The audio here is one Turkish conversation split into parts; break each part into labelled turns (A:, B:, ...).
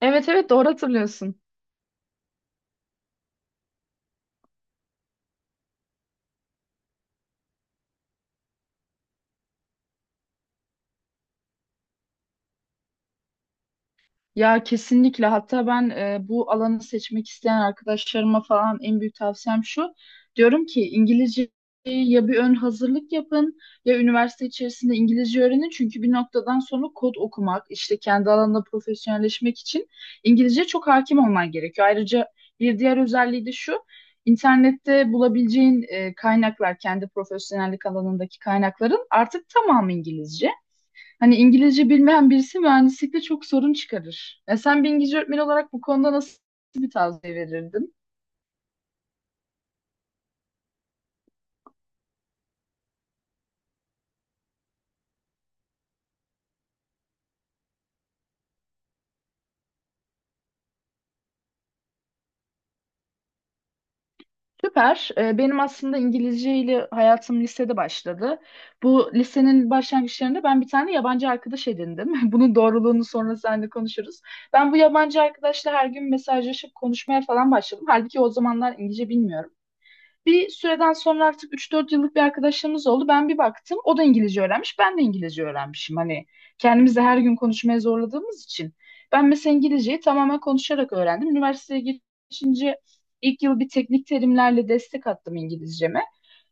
A: Evet, evet, doğru hatırlıyorsun. Ya kesinlikle, hatta ben bu alanı seçmek isteyen arkadaşlarıma falan en büyük tavsiyem şu. Diyorum ki İngilizceyi ya bir ön hazırlık yapın ya üniversite içerisinde İngilizce öğrenin. Çünkü bir noktadan sonra kod okumak, işte kendi alanında profesyonelleşmek için İngilizce çok hakim olman gerekiyor. Ayrıca bir diğer özelliği de şu. İnternette bulabileceğin kaynaklar, kendi profesyonellik alanındaki kaynakların artık tamamı İngilizce. Hani İngilizce bilmeyen birisi mühendislikte çok sorun çıkarır. E sen bir İngilizce öğretmeni olarak bu konuda nasıl bir tavsiye verirdin? Süper. Benim aslında İngilizce ile hayatım lisede başladı. Bu lisenin başlangıçlarında ben bir tane yabancı arkadaş edindim. Bunun doğruluğunu sonra seninle konuşuruz. Ben bu yabancı arkadaşla her gün mesajlaşıp konuşmaya falan başladım. Halbuki o zamanlar İngilizce bilmiyorum. Bir süreden sonra artık üç dört yıllık bir arkadaşlığımız oldu. Ben bir baktım o da İngilizce öğrenmiş, ben de İngilizce öğrenmişim. Hani kendimizi de her gün konuşmaya zorladığımız için. Ben mesela İngilizceyi tamamen konuşarak öğrendim. Üniversiteye geçince ilk yıl bir teknik terimlerle destek attım İngilizceme.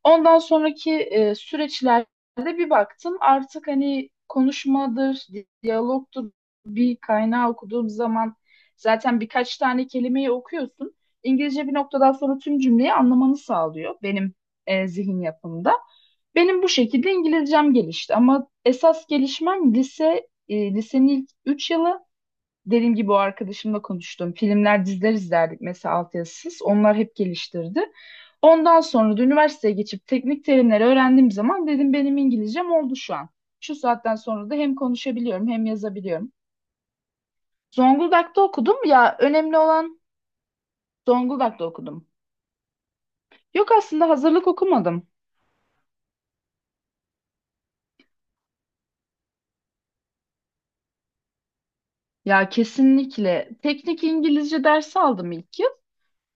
A: Ondan sonraki süreçlerde bir baktım artık hani konuşmadır, diyalogtur, bir kaynağı okuduğum zaman zaten birkaç tane kelimeyi okuyorsun. İngilizce bir noktadan sonra tüm cümleyi anlamanı sağlıyor benim zihin yapımda. Benim bu şekilde İngilizcem gelişti ama esas gelişmem lise, lisenin ilk 3 yılı. Dediğim gibi o arkadaşımla konuştum. Filmler, diziler izlerdik mesela altyazısız. Onlar hep geliştirdi. Ondan sonra da üniversiteye geçip teknik terimleri öğrendiğim zaman dedim benim İngilizcem oldu şu an. Şu saatten sonra da hem konuşabiliyorum hem yazabiliyorum. Zonguldak'ta okudum ya, önemli olan Zonguldak'ta okudum. Yok, aslında hazırlık okumadım. Ya kesinlikle. Teknik İngilizce dersi aldım ilk yıl.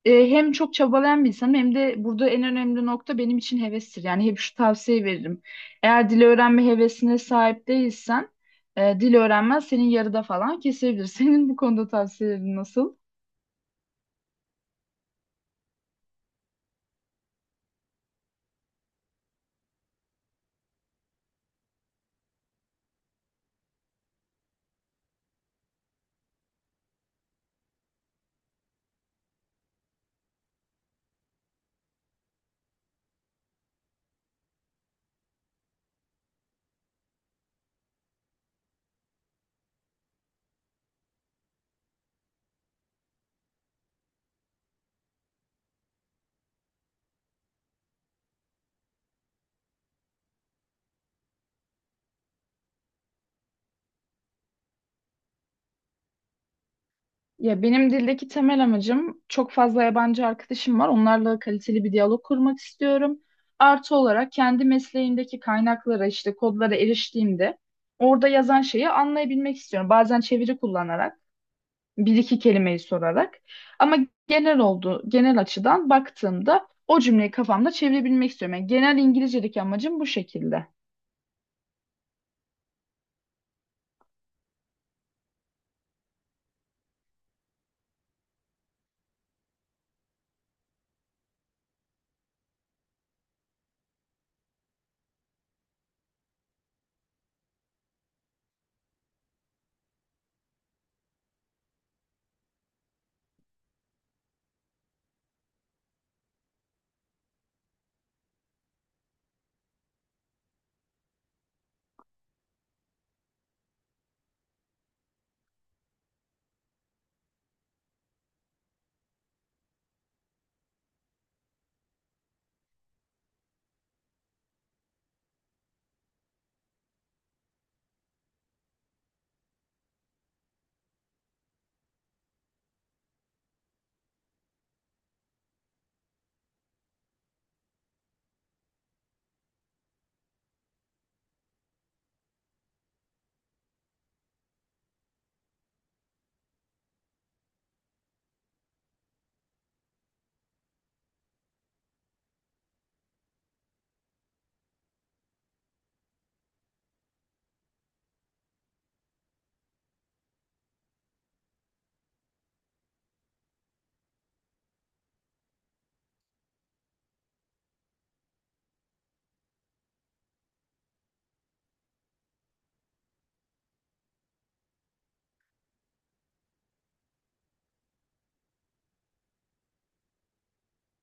A: Hem çok çabalayan bir insanım hem de burada en önemli nokta benim için hevestir. Yani hep şu tavsiye veririm. Eğer dil öğrenme hevesine sahip değilsen dil öğrenmen senin yarıda falan kesebilir. Senin bu konuda tavsiyelerin nasıl? Ya benim dildeki temel amacım, çok fazla yabancı arkadaşım var. Onlarla kaliteli bir diyalog kurmak istiyorum. Artı olarak kendi mesleğimdeki kaynaklara, işte kodlara eriştiğimde orada yazan şeyi anlayabilmek istiyorum. Bazen çeviri kullanarak, bir iki kelimeyi sorarak, ama genel oldu, genel açıdan baktığımda o cümleyi kafamda çevirebilmek istiyorum. Yani genel İngilizce'deki amacım bu şekilde.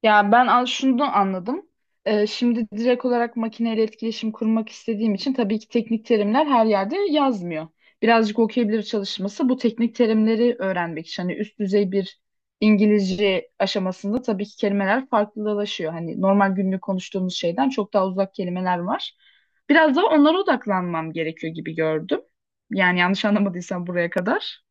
A: Ya ben an şunu anladım. Şimdi direkt olarak makineyle etkileşim kurmak istediğim için tabii ki teknik terimler her yerde yazmıyor. Birazcık okuyabilir çalışması bu teknik terimleri öğrenmek için. Hani üst düzey bir İngilizce aşamasında tabii ki kelimeler farklılaşıyor. Hani normal günlük konuştuğumuz şeyden çok daha uzak kelimeler var. Biraz daha onlara odaklanmam gerekiyor gibi gördüm. Yani yanlış anlamadıysam buraya kadar.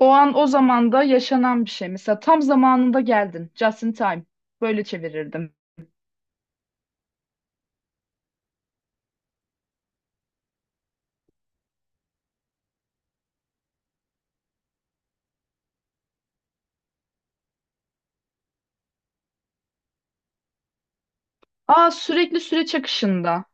A: O an o zamanda yaşanan bir şey. Mesela tam zamanında geldin. Just in time. Böyle çevirirdim. Aa, sürekli süreç akışında.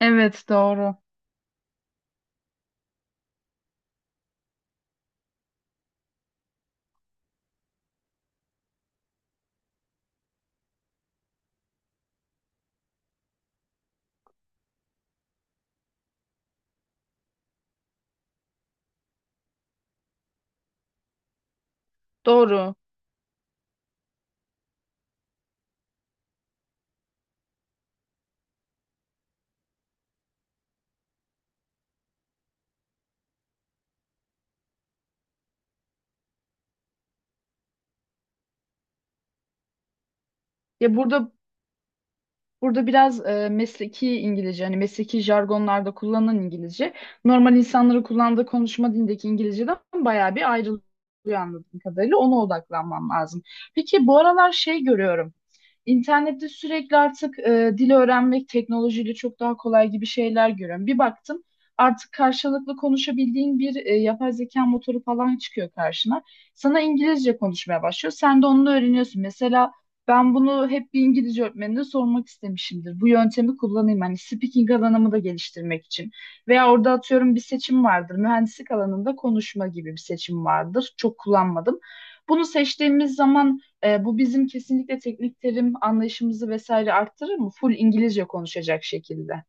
A: Evet doğru. Doğru. Ya burada Burada biraz mesleki İngilizce, hani mesleki jargonlarda kullanılan İngilizce, normal insanların kullandığı konuşma dilindeki İngilizceden bayağı bir ayrılıyor anladığım kadarıyla. Ona odaklanmam lazım. Peki bu aralar şey görüyorum. İnternette sürekli artık dil öğrenmek teknolojiyle çok daha kolay gibi şeyler görüyorum. Bir baktım artık karşılıklı konuşabildiğin bir yapay zeka motoru falan çıkıyor karşına. Sana İngilizce konuşmaya başlıyor. Sen de onunla öğreniyorsun. Mesela ben bunu hep bir İngilizce öğretmenine sormak istemişimdir. Bu yöntemi kullanayım hani speaking alanımı da geliştirmek için. Veya orada atıyorum bir seçim vardır. Mühendislik alanında konuşma gibi bir seçim vardır. Çok kullanmadım. Bunu seçtiğimiz zaman bu bizim kesinlikle teknik terim anlayışımızı vesaire arttırır mı? Full İngilizce konuşacak şekilde.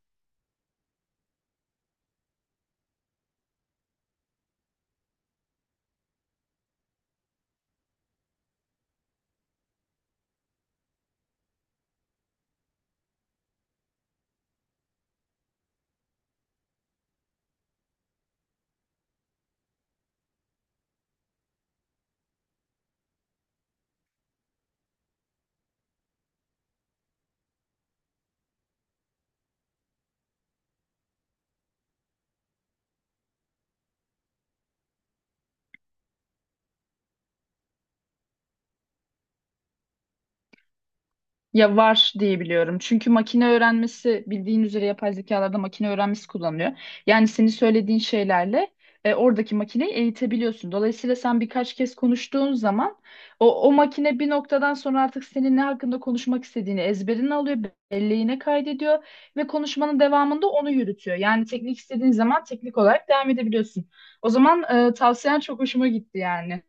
A: Ya var diye biliyorum. Çünkü makine öğrenmesi, bildiğin üzere yapay zekalarda makine öğrenmesi kullanılıyor. Yani senin söylediğin şeylerle oradaki makineyi eğitebiliyorsun. Dolayısıyla sen birkaç kez konuştuğun zaman o makine bir noktadan sonra artık senin ne hakkında konuşmak istediğini ezberine alıyor, belleğine kaydediyor ve konuşmanın devamında onu yürütüyor. Yani teknik istediğin zaman teknik olarak devam edebiliyorsun. O zaman tavsiyen çok hoşuma gitti yani.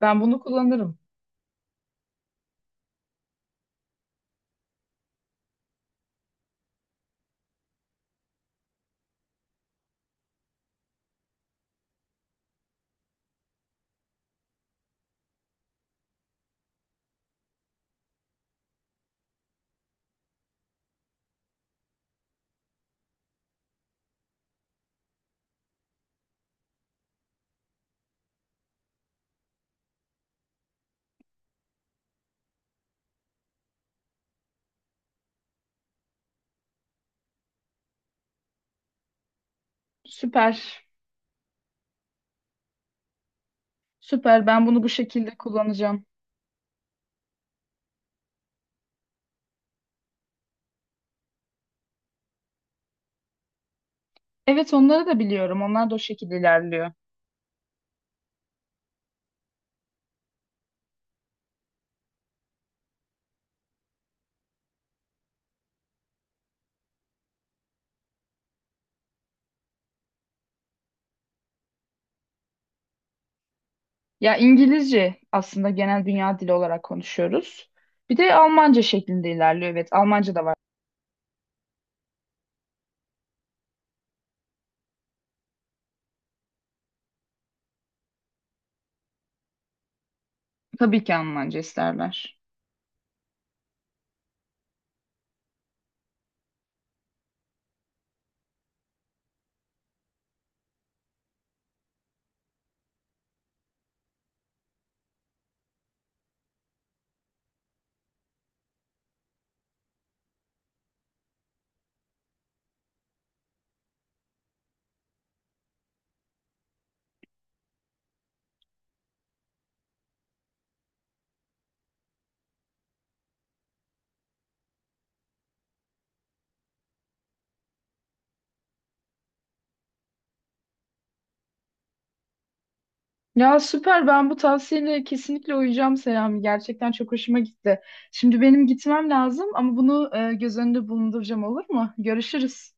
A: Ben bunu kullanırım. Süper, süper. Ben bunu bu şekilde kullanacağım. Evet, onları da biliyorum. Onlar da o şekilde ilerliyor. Ya İngilizce aslında genel dünya dili olarak konuşuyoruz. Bir de Almanca şeklinde ilerliyor. Evet, Almanca da var. Tabii ki Almanca isterler. Ya süper, ben bu tavsiyene kesinlikle uyacağım Selami. Gerçekten çok hoşuma gitti. Şimdi benim gitmem lazım ama bunu göz önünde bulunduracağım, olur mu? Görüşürüz.